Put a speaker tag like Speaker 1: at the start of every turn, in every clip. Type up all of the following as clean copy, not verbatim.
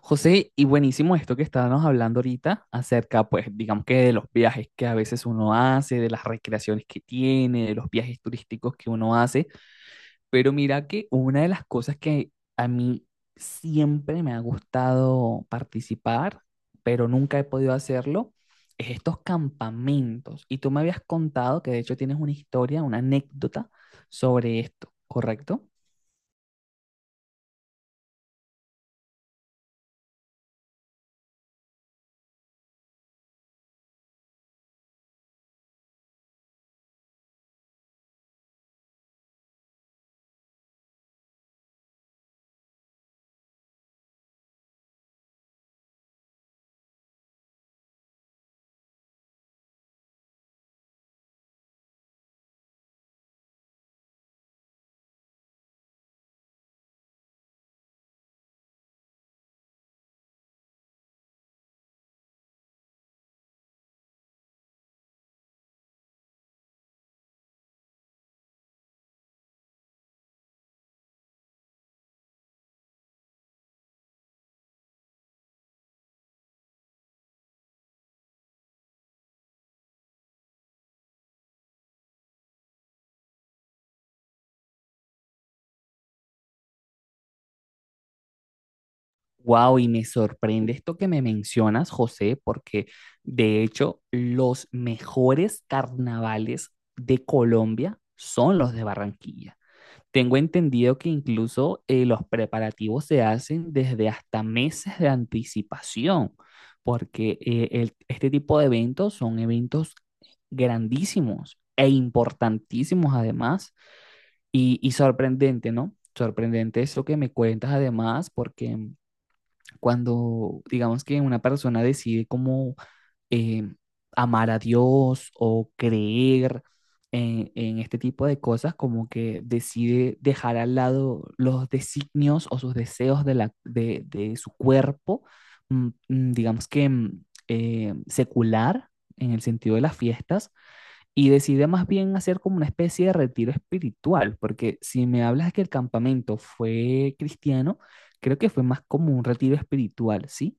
Speaker 1: José, y buenísimo esto que estábamos hablando ahorita acerca, pues, digamos que de los viajes que a veces uno hace, de las recreaciones que tiene, de los viajes turísticos que uno hace. Pero mira que una de las cosas que a mí siempre me ha gustado participar, pero nunca he podido hacerlo, es estos campamentos. Y tú me habías contado que de hecho tienes una historia, una anécdota sobre esto, ¿correcto? Wow, y me sorprende esto que me mencionas, José, porque de hecho los mejores carnavales de Colombia son los de Barranquilla. Tengo entendido que incluso los preparativos se hacen desde hasta meses de anticipación, porque este tipo de eventos son eventos grandísimos e importantísimos además, y sorprendente, ¿no? Sorprendente eso que me cuentas además, porque cuando digamos que una persona decide como eh, amar a Dios o creer en este tipo de cosas, como que decide dejar al lado los designios o sus deseos de su cuerpo, digamos que secular en el sentido de las fiestas, y decidí más bien hacer como una especie de retiro espiritual, porque si me hablas que el campamento fue cristiano, creo que fue más como un retiro espiritual, ¿sí?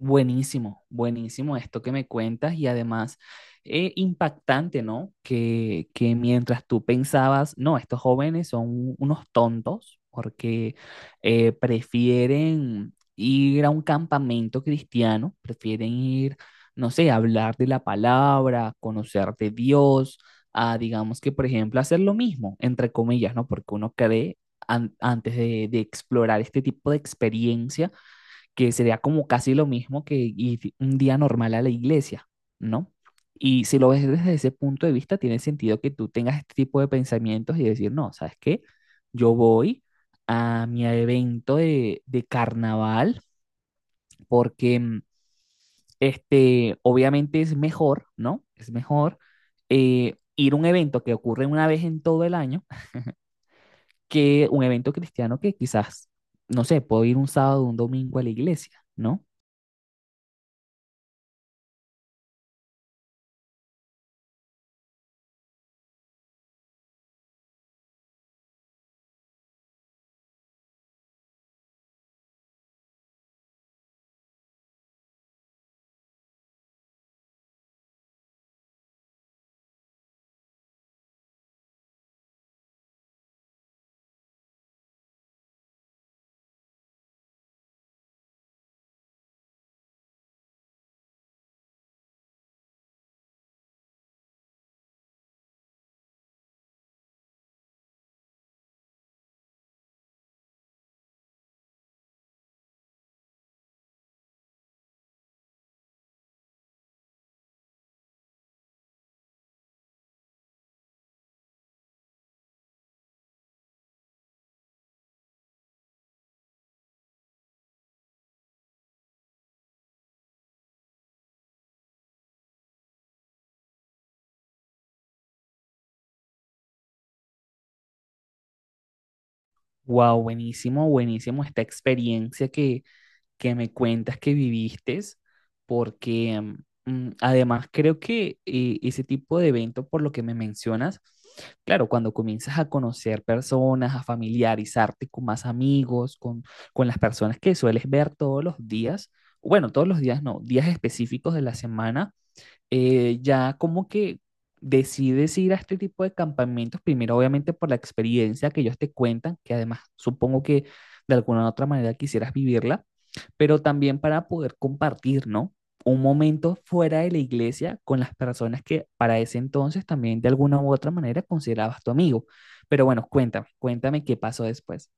Speaker 1: Buenísimo, buenísimo esto que me cuentas y además impactante, ¿no? Que mientras tú pensabas, no, estos jóvenes son unos tontos porque prefieren ir a un campamento cristiano, prefieren ir, no sé, a hablar de la palabra, a conocer de Dios, a digamos que, por ejemplo, hacer lo mismo, entre comillas, ¿no? Porque uno cree antes de explorar este tipo de experiencia que sería como casi lo mismo que ir un día normal a la iglesia, ¿no? Y si lo ves desde ese punto de vista, tiene sentido que tú tengas este tipo de pensamientos y decir, no, ¿sabes qué? Yo voy a mi evento de carnaval porque obviamente es mejor, ¿no? Es mejor ir a un evento que ocurre una vez en todo el año que un evento cristiano que quizás, no sé, puedo ir un sábado o un domingo a la iglesia, ¿no? Wow, buenísimo, buenísimo esta experiencia que me cuentas que viviste, porque además creo que ese tipo de evento, por lo que me mencionas, claro, cuando comienzas a conocer personas, a familiarizarte con más amigos, con las personas que sueles ver todos los días, bueno, todos los días no, días específicos de la semana ya como que decides ir a este tipo de campamentos, primero obviamente por la experiencia que ellos te cuentan, que además supongo que de alguna u otra manera quisieras vivirla, pero también para poder compartir, ¿no? Un momento fuera de la iglesia con las personas que para ese entonces también de alguna u otra manera considerabas tu amigo. Pero bueno, cuéntame, cuéntame qué pasó después.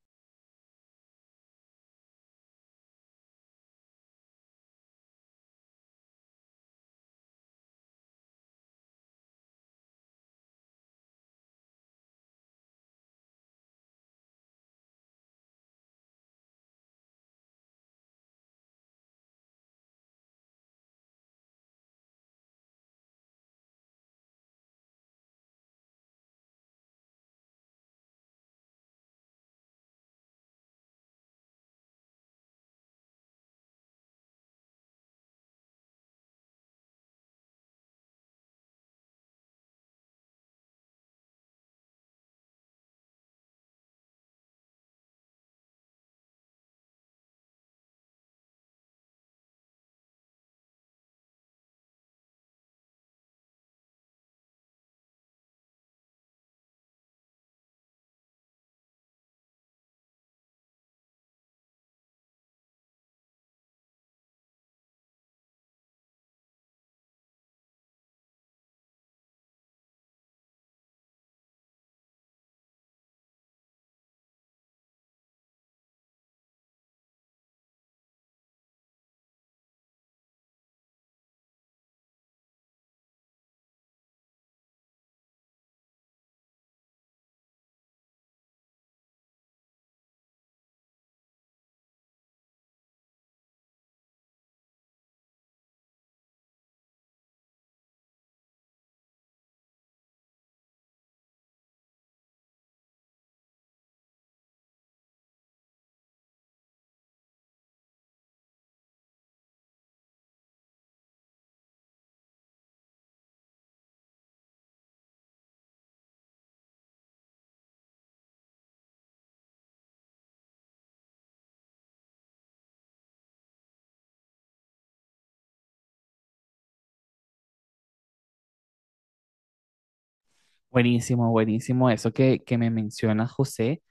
Speaker 1: Buenísimo, buenísimo eso que me menciona José.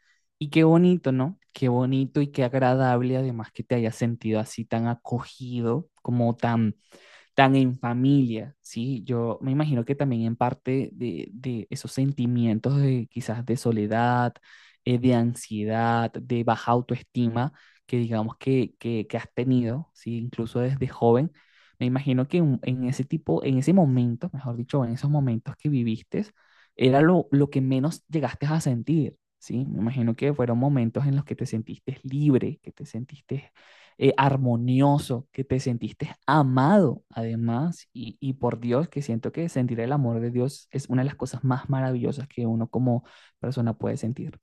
Speaker 1: Y qué bonito, ¿no? Qué bonito y qué agradable además que te hayas sentido así tan acogido, como tan tan en familia, ¿sí? Yo me imagino que también en parte de esos sentimientos de quizás de soledad, de ansiedad, de baja autoestima que digamos que has tenido, ¿sí? Incluso desde joven, me imagino que en ese tipo, en ese momento, mejor dicho, en esos momentos que viviste, era lo que menos llegaste a sentir, ¿sí? Me imagino que fueron momentos en los que te sentiste libre, que te sentiste armonioso, que te sentiste amado además. Y por Dios, que siento que sentir el amor de Dios es una de las cosas más maravillosas que uno como persona puede sentir.